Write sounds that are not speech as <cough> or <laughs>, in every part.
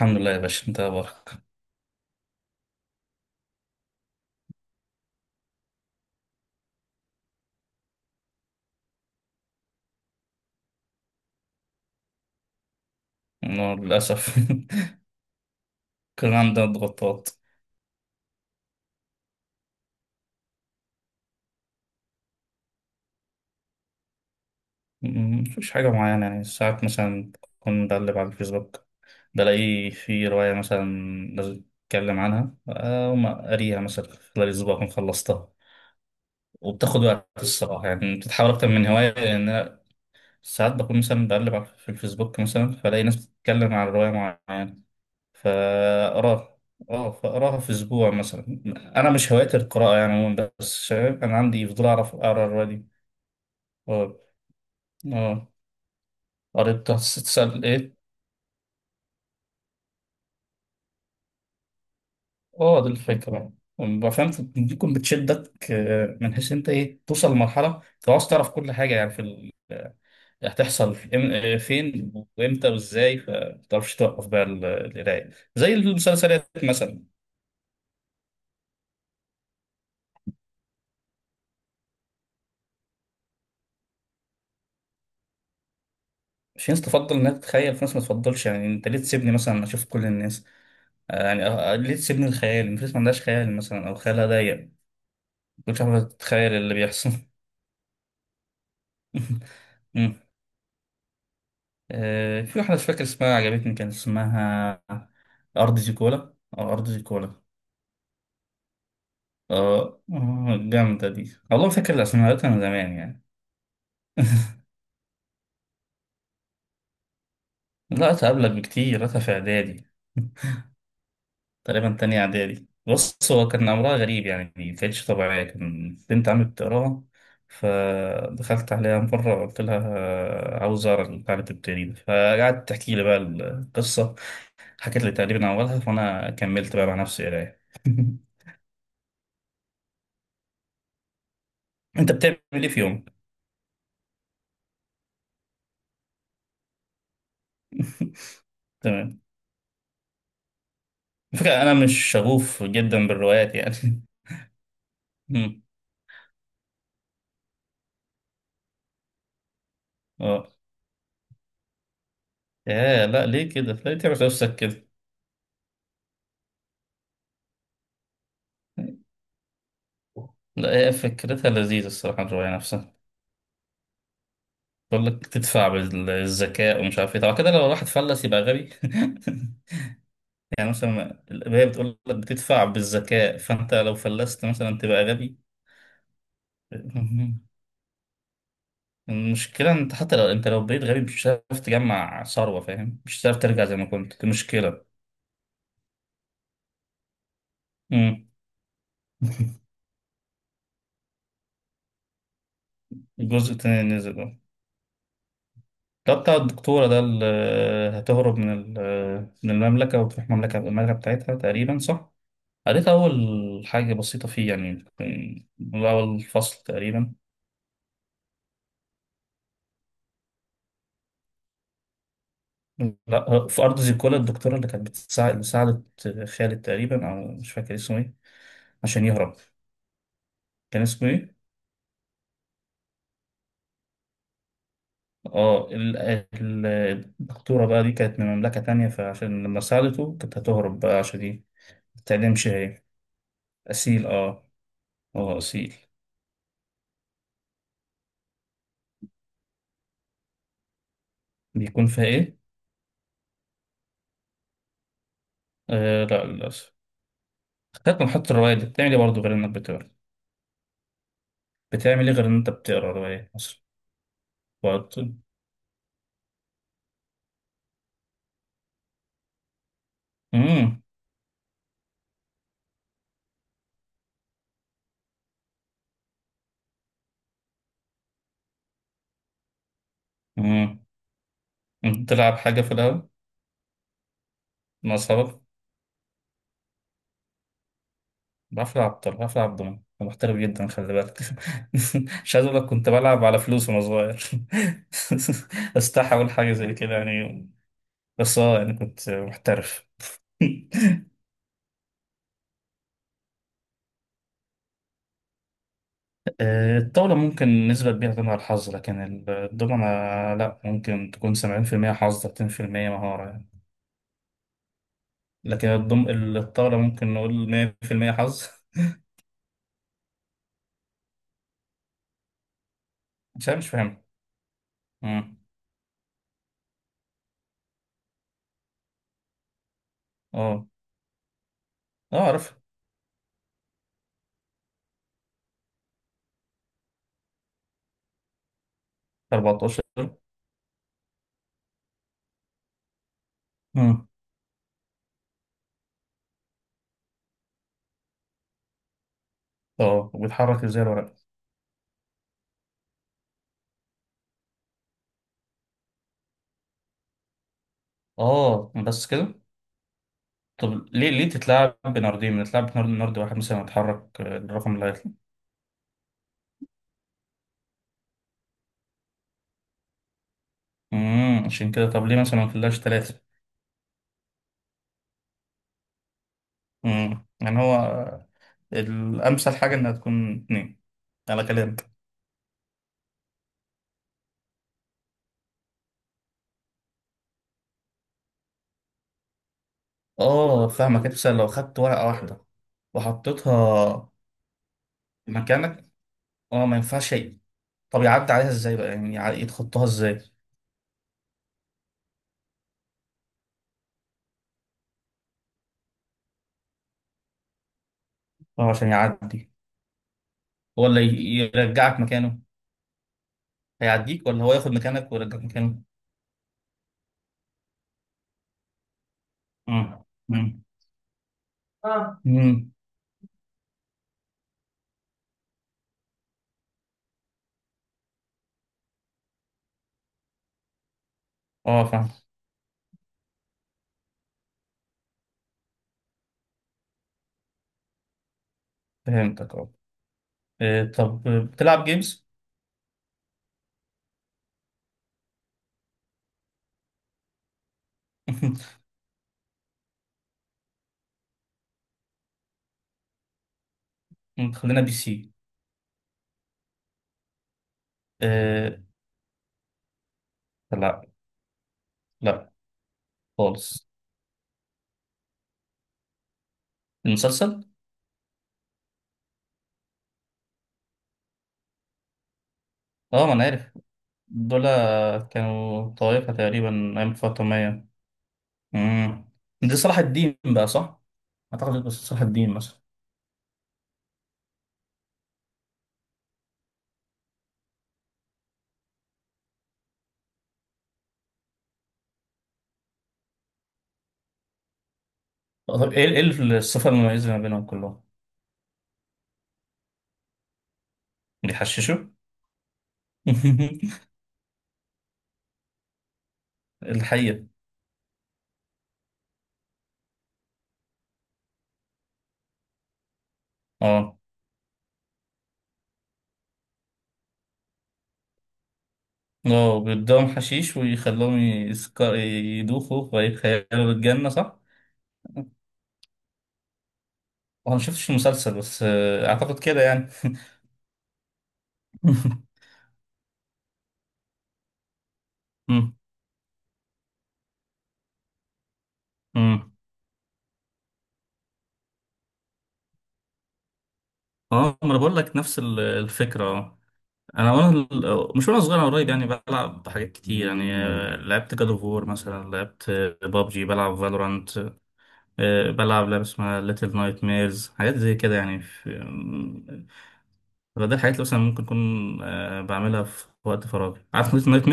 الحمد لله يا باشا، انت إيه اخبارك؟ انا للاسف. <laughs> كان عندنا ضغوطات. مفيش حاجه معينه، يعني ساعات مثلا كنت بقلب على الفيسبوك، بلاقي في روايه مثلا لازم اتكلم عنها، اقوم قاريها مثلا، خلال اسبوع اكون خلصتها. وبتاخد وقت الصراحه، يعني بتتحول اكتر من هوايه، لان انا ساعات بكون مثلا في الفيسبوك مثلا، فلاقي ناس بتتكلم عن روايه معينه فأقراها. اه، فأقراها في أسبوع مثلا. أنا مش هوايتي القراءة يعني عموما، بس فاهم أنا عندي فضول أعرف أقرا الرواية دي. اه، اه، قريت تسأل إيه؟ اه، دي الفكرة. فهمت، ممكن بتشدك من حيث أنت إيه، توصل لمرحلة أنت عاوز تعرف كل حاجة، يعني في ال... آه، هتحصل في فين وإمتى وإزاي، فمتعرفش توقف بقى القراية، زي المسلسلات مثلا. في ناس تفضل انها تتخيل، في ناس ما تفضلش، يعني انت ليه تسيبني مثلا اشوف كل الناس؟ يعني ليه تسيبني الخيال؟ الناس ما عندهاش خيال مثلا، او خيالها ضيق. كنت عارفة تتخيل اللي بيحصل. <laughs> أمم. في واحدة مش فاكر اسمها، عجبتني. كان اسمها أرض زيكولا، أو أرض زيكولا. اه. جامدة دي والله، فاكر الأسماء، قريتها من زمان يعني. <laughs> لا، قريتها قبلك بكتير، قريتها في إعدادي، تقريبا تانية إعدادي. بص هو كان أمرها غريب يعني، ما كانتش طبيعية. كان بنت عمي بتقراها، فدخلت عليها مرة قلت لها عاوز أقرا البتاع اللي بتبتدي ده، فقعدت تحكي لي بقى القصة. حكيت لي تقريبا أولها، فأنا كملت بقى مع نفسي قراية. <laughs> أنت بتعمل إيه في يوم؟ <laughs> تمام. الفكرة أنا مش شغوف جدا بالروايات يعني. <laughs> مم. أه. يا لا، ليه كده؟ ليه تعمل نفسك كده؟ لا هي فكرتها لذيذة الصراحة، الرواية نفسها. بقول لك تدفع بالذكاء ومش عارف ايه، طبعا كده لو الواحد فلس يبقى غبي. <laughs> يعني مثلا هي بتقول لك بتدفع بالذكاء، فانت لو فلست مثلا تبقى غبي. <laughs> المشكلة انت حتى لو بقيت غبي مش هتعرف تجمع ثروة، فاهم، مش هتعرف ترجع زي ما كنت، دي مشكلة. مم. <laughs> الجزء التاني نزل ده بتاع الدكتورة ده اللي هتهرب من من المملكة، وتروح المملكة بتاعتها تقريبا، صح؟ قريت أول حاجة بسيطة فيه يعني، من أول فصل تقريبا. لا هو في أرض زيكولا الدكتورة اللي كانت بتساعد، اللي ساعدت خالد تقريبا، أو مش فاكر اسمه إيه، عشان يهرب. كان اسمه إيه؟ آه ال- الدكتورة بقى دي كانت من مملكة تانية، فعشان لما ساعدته كانت هتهرب بقى، عشان دي متتعلمش هي. أسيل، آه. آه، أسيل. بيكون فيها إيه؟ آه لا، للأسف. خدت من حط الرواية دي بتعمل إيه برضه غير إنك بتقرا؟ بتعمل إيه غير إن أنت بتقرا رواية أصلا؟ وقت- مم. مم. بتلعب حاجة في الأول؟ مع أصحابك؟ بعرف العب دومنة، أنا محترف جدا، خلي بالك. <laughs> مش عايز اقول لك كنت بلعب على فلوس وانا صغير. <laughs> استحى اقول حاجة زي كده يعني، بس اه يعني كنت محترف. <laughs> الطاولة ممكن نسبة كبيرة تعتمد على الحظ، لكن الدومنة لا، ممكن تكون 70% حظ، 30% مهارة يعني. لكن الطاولة ممكن نقول 100% حظ. <laughs> مش عارف، مش فاهم. مم. اه، اه، عارف. 14. مم. اه، وبيتحرك ازاي الورق؟ اه، بس كده؟ طب ليه تتلعب بناردين؟ ما تتلعب بنارد، نارد واحد مثلا يتحرك الرقم اللي هيطلع. عشان كده. طب ليه مثلا ما تلاش ثلاثة؟ يعني هو الامثل حاجة انها تكون اتنين، على كلامك. اه، فاهمك، انت مثلا لو خدت ورقة واحدة وحطيتها مكانك. اه، ما ينفعش طب يعدي عليها ازاي بقى، يعني يتخطاها ازاي؟ اه، عشان يعدي؟ ولا يرجعك مكانه؟ هيعديك ولا هو ياخد مكانك ويرجعك مكانه؟ امم امم اه. مم. فاهم، فهمتك. اه. طب بتلعب جيمز؟ <laughs> خلينا PC. آه، لا، لا، خالص. المسلسل. اه، ما انا عارف، دول كانوا طائفة تقريبا ايام الفاطمية. امم دي صلاح الدين بقى، صح؟ اعتقد، بس صلاح الدين مثلا. طب ايه الصفة المميزة ما بينهم كلهم؟ بيحششوا. <laughs> الحقيقة. اه، اه، بيدوهم حشيش ويخلوهم يسكر يدوخوا فيتخيلوا الجنة، صح؟ وانا ما شفتش المسلسل، بس اعتقد كده يعني. <laughs> مم. مم. اه، ما انا بقول لك نفس الفكره. اه. انا مش وانا صغير، انا قريب يعني بلعب حاجات كتير يعني. لعبت جاد اوف وور مثلا، لعبت بابجي، بلعب فالورانت، بلعب لعبه اسمها ليتل نايت ميرز، حاجات زي كده يعني في مم، فده الحاجات اللي مثلا ممكن اكون بعملها في وقت فراغي. عارف ليتل نايت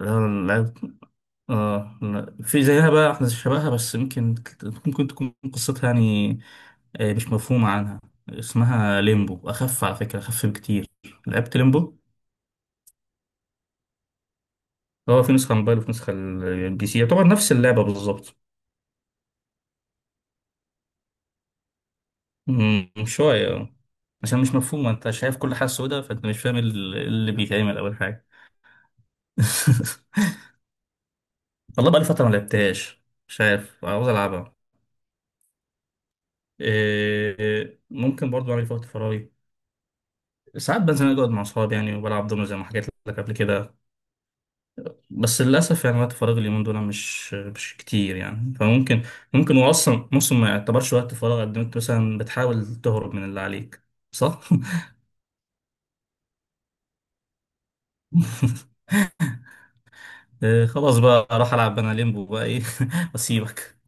ميرز؟ اه، لا، في زيها بقى احنا شبهها، بس يمكن ممكن تكون قصتها يعني مش مفهومة عنها. اسمها ليمبو، أخف على فكرة، أخف بكتير. لعبت ليمبو. هو في نسخة موبايل وفي نسخة الـPC، يعتبر نفس اللعبة بالظبط. شوية. آه. عشان مش مفهومة، أنت شايف كل حاجة سودة، فأنت مش فاهم اللي بيتعمل أول حاجة. <laughs> والله بقالي فترة ما لعبتهاش، مش عارف، عاوز ألعبها. إيه، ممكن برضو أعمل في وقت فراغي. ساعات بنزل اقعد مع اصحابي يعني، وبلعب دومينو زي ما حكيت لك قبل كده. بس للاسف يعني، وقت فراغي اليومين دول مش كتير يعني، فممكن. ممكن هو اصلا ممكن ما يعتبرش وقت فراغ، قد ما انت مثلا بتحاول تهرب من اللي عليك، صح؟ <laughs> خلاص بقى اروح العب انا ليمبو بقى ايه. <laughs> واسيبك.